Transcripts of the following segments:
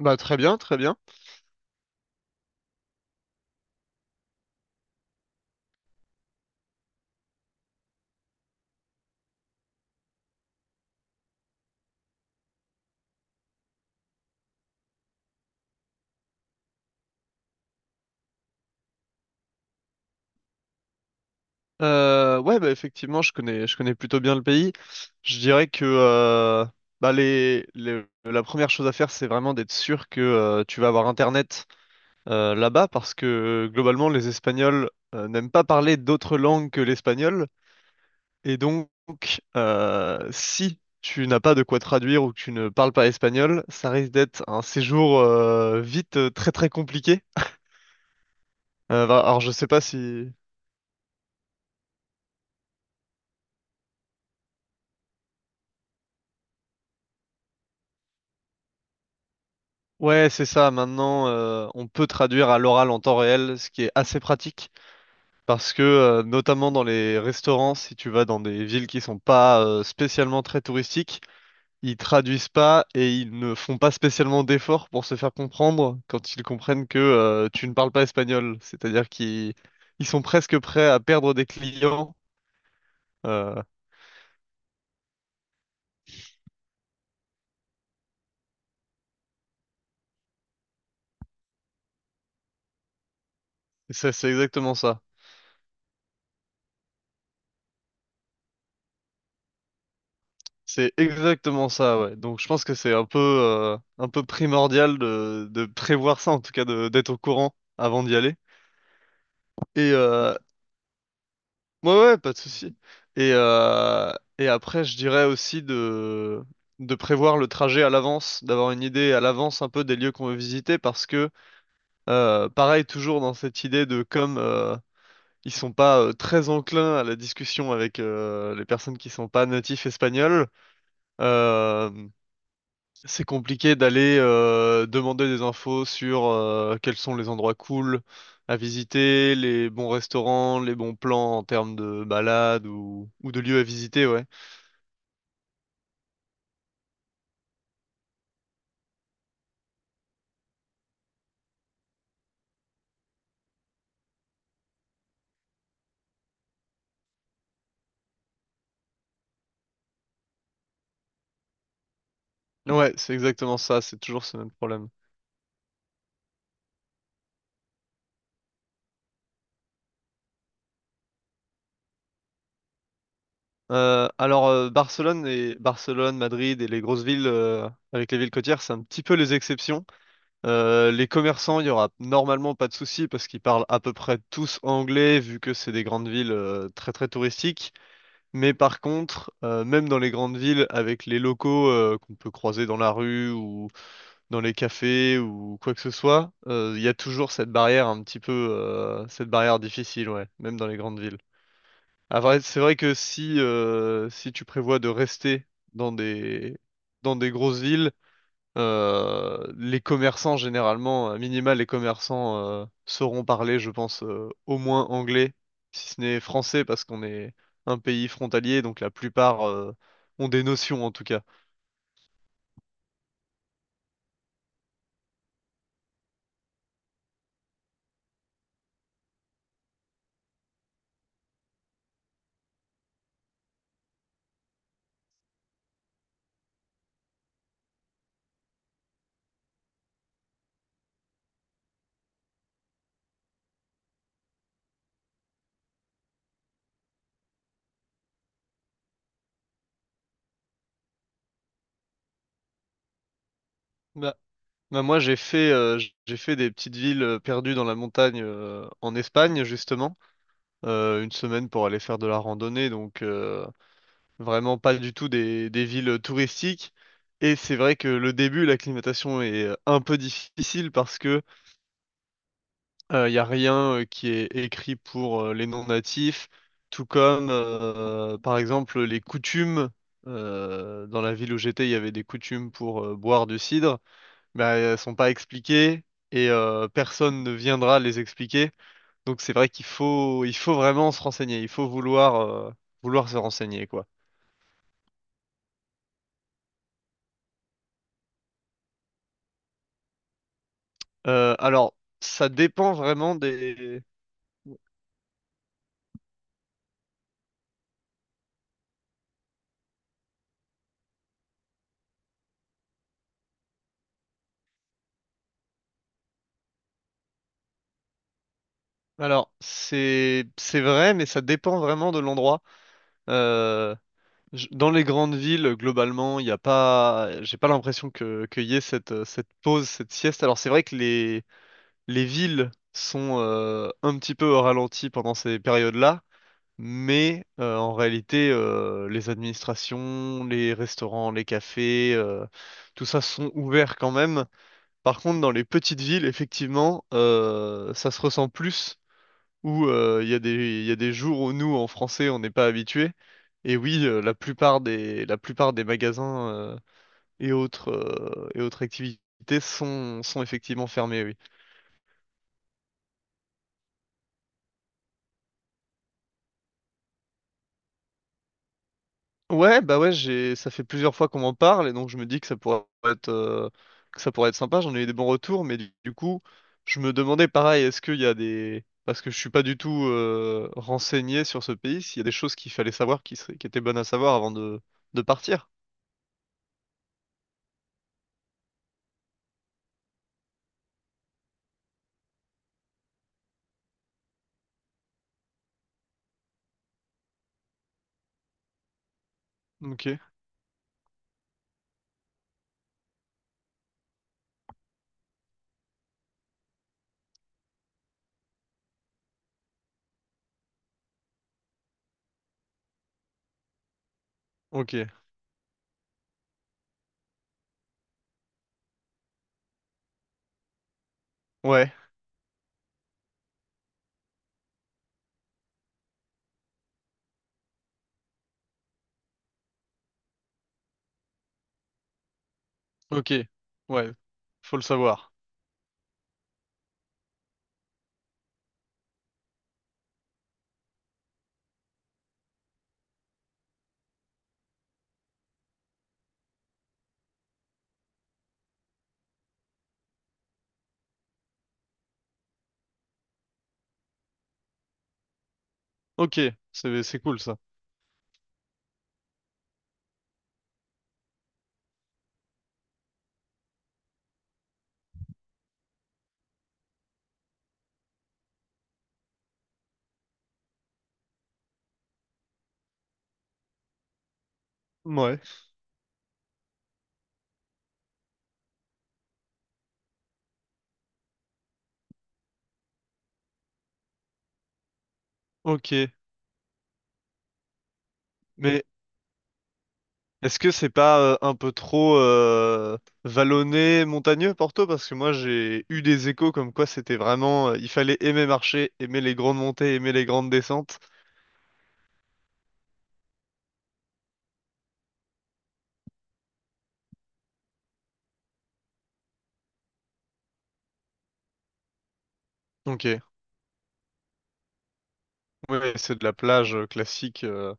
Bah très bien, très bien. Ouais, bah effectivement, je connais plutôt bien le pays. Je dirais que bah la première chose à faire, c'est vraiment d'être sûr que tu vas avoir Internet là-bas, parce que globalement, les Espagnols n'aiment pas parler d'autres langues que l'espagnol, et donc si tu n'as pas de quoi traduire ou que tu ne parles pas espagnol, ça risque d'être un séjour vite très très compliqué. Bah, alors je sais pas si. Ouais, c'est ça. Maintenant, on peut traduire à l'oral en temps réel, ce qui est assez pratique parce que, notamment dans les restaurants, si tu vas dans des villes qui sont pas spécialement très touristiques, ils traduisent pas et ils ne font pas spécialement d'efforts pour se faire comprendre quand ils comprennent que tu ne parles pas espagnol. C'est-à-dire qu'ils ils sont presque prêts à perdre des clients. Euh, et ça, c'est exactement ça. C'est exactement ça, ouais. Donc je pense que c'est un peu primordial de prévoir ça, en tout cas de d'être au courant avant d'y aller. Et ouais, ouais, pas de souci. Et après, je dirais aussi de prévoir le trajet à l'avance, d'avoir une idée à l'avance un peu des lieux qu'on veut visiter, parce que pareil, toujours dans cette idée de comme ils sont pas très enclins à la discussion avec les personnes qui sont pas natifs espagnols. euh, C'est compliqué d'aller demander des infos sur quels sont les endroits cool à visiter, les bons restaurants, les bons plans en termes de balades ou de lieux à visiter, ouais. Ouais, c'est exactement ça, c'est toujours ce même problème. Alors Barcelone et Barcelone, Madrid et les grosses villes avec les villes côtières, c'est un petit peu les exceptions. Les commerçants, il y aura normalement pas de souci parce qu'ils parlent à peu près tous anglais vu que c'est des grandes villes très très touristiques. Mais par contre, même dans les grandes villes, avec les locaux qu'on peut croiser dans la rue ou dans les cafés ou quoi que ce soit, il y a toujours cette barrière un petit peu, cette barrière difficile, ouais, même dans les grandes villes. Ah, c'est vrai que si, si tu prévois de rester dans des, dans des grosses villes, les commerçants, généralement, à minima, les commerçants sauront parler, je pense, au moins anglais, si ce n'est français, parce qu'on est un pays frontalier, donc la plupart ont des notions en tout cas. Bah, bah, moi, j'ai fait des petites villes perdues dans la montagne en Espagne, justement, une semaine pour aller faire de la randonnée, donc vraiment pas du tout des villes touristiques. Et c'est vrai que le début, l'acclimatation est un peu difficile parce que il n'y a rien qui est écrit pour les non-natifs, tout comme, par exemple, les coutumes. Dans la ville où j'étais, il y avait des coutumes pour boire du cidre, mais elles sont pas expliquées et personne ne viendra les expliquer. Donc c'est vrai qu'il faut vraiment se renseigner, il faut vouloir se renseigner, quoi. Alors, ça dépend vraiment des. Alors, c'est vrai, mais ça dépend vraiment de l'endroit. Euh, Dans les grandes villes, globalement, il n'y a pas, j'ai pas l'impression qu'il y ait cette, cette, pause, cette sieste. Alors c'est vrai que les villes sont un petit peu au ralenti pendant ces périodes-là, mais en réalité, les administrations, les restaurants, les cafés, tout ça sont ouverts quand même. Par contre, dans les petites villes, effectivement, ça se ressent plus où il y a des jours où nous, en français, on n'est pas habitués. Et oui, la plupart des magasins et autres activités sont effectivement fermés, oui. Ouais, bah ouais, ça fait plusieurs fois qu'on m'en parle et donc je me dis que que ça pourrait être sympa. J'en ai eu des bons retours, mais du coup, je me demandais pareil, est-ce qu'il y a des, parce que je suis pas du tout renseigné sur ce pays, s'il y a des choses qu'il fallait savoir qui qui étaient bonnes à savoir avant de partir. Ok, ok. Ouais. Ok, ouais, faut le savoir. Ok, c'est cool ça. Ouais. Ok, mais est-ce que c'est pas un peu trop vallonné, montagneux, Porto? Parce que moi j'ai eu des échos comme quoi c'était vraiment, il fallait aimer marcher, aimer les grandes montées, aimer les grandes descentes. Ok, ouais, c'est de la plage classique.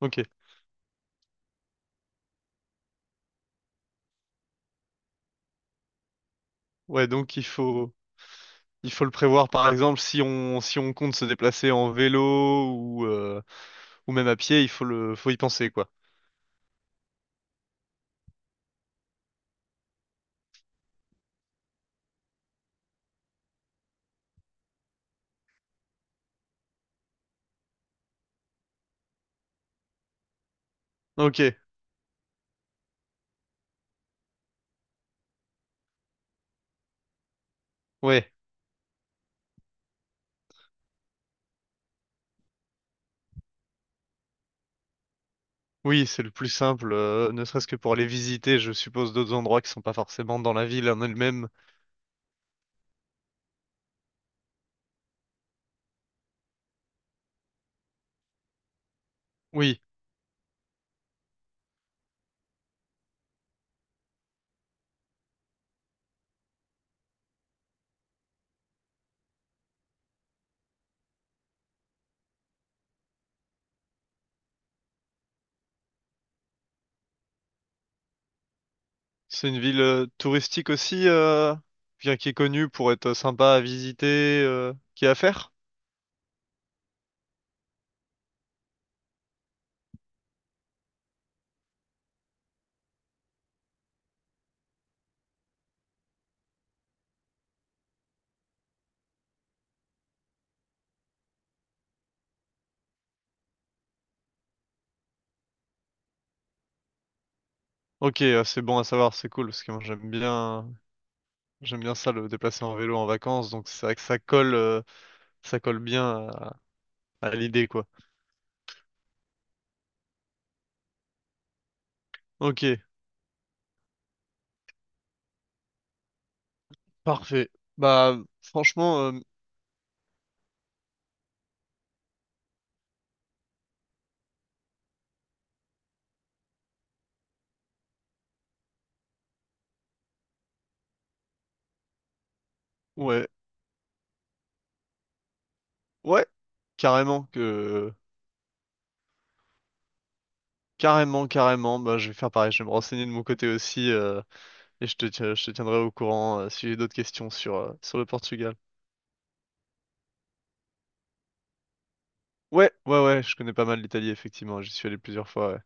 Ok, ouais, donc il faut le prévoir. Par exemple, si on compte se déplacer en vélo ou, euh, ou même à pied, faut y penser quoi. Ok, ouais. Oui, c'est le plus simple, ne serait-ce que pour aller visiter, je suppose, d'autres endroits qui sont pas forcément dans la ville en elle-même. Oui, c'est une ville touristique aussi, bien qui est connue pour être sympa à visiter, qui est à faire. Ok, c'est bon à savoir, c'est cool, parce que moi j'aime bien ça, le déplacer en vélo en vacances, donc c'est vrai que ça colle bien à l'idée, quoi. Ok, parfait. Bah, franchement, ouais, ouais, carrément que. Carrément, carrément. Bah, je vais faire pareil. Je vais me renseigner de mon côté aussi et je te tiendrai au courant si j'ai d'autres questions sur le Portugal. Ouais, ouais, ouais. Je connais pas mal l'Italie, effectivement. J'y suis allé plusieurs fois. Ouais.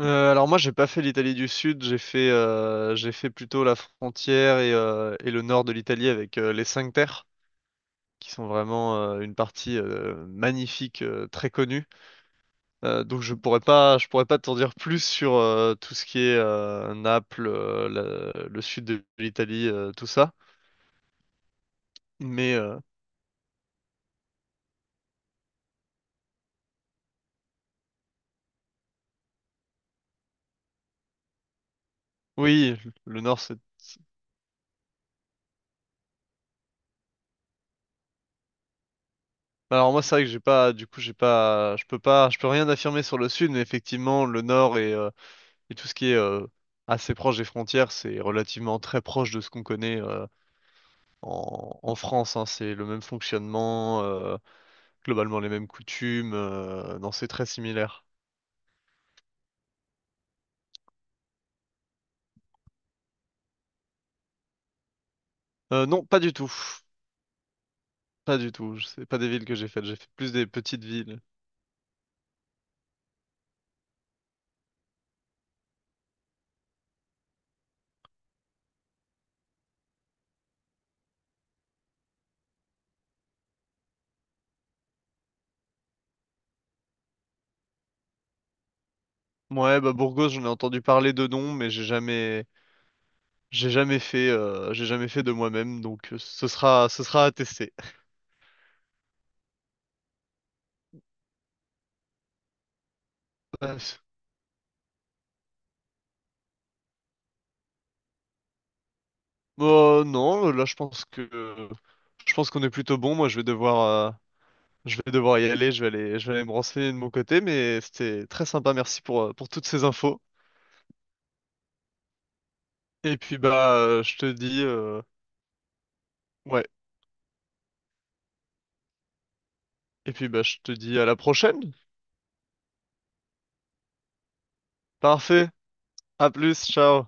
Alors moi, j'ai pas fait l'Italie du Sud. J'ai fait plutôt la frontière et le nord de l'Italie avec les Cinq Terres, qui sont vraiment une partie magnifique, très connue. Donc je pourrais pas t'en dire plus sur tout ce qui est Naples, le sud de l'Italie, tout ça. Mais oui, le nord c'est. Alors moi c'est vrai que j'ai pas, du coup j'ai pas, je peux pas, je peux rien affirmer sur le sud, mais effectivement le nord et tout ce qui est assez proche des frontières, c'est relativement très proche de ce qu'on connaît en France. Hein. C'est le même fonctionnement, globalement les mêmes coutumes, non c'est très similaire. Non, pas du tout. Pas du tout, c'est pas des villes que j'ai faites, j'ai fait plus des petites villes. Ouais, bah Burgos, j'en ai entendu parler de nom, mais j'ai jamais fait de moi-même, donc ce sera à tester. Ouais. Non, là je pense qu'on est plutôt bon. Moi, je vais devoir y aller, je vais aller me renseigner de mon côté, mais c'était très sympa, merci pour toutes ces infos. Et puis bah je te dis ouais, et puis bah je te dis à la prochaine. Parfait. À plus, ciao.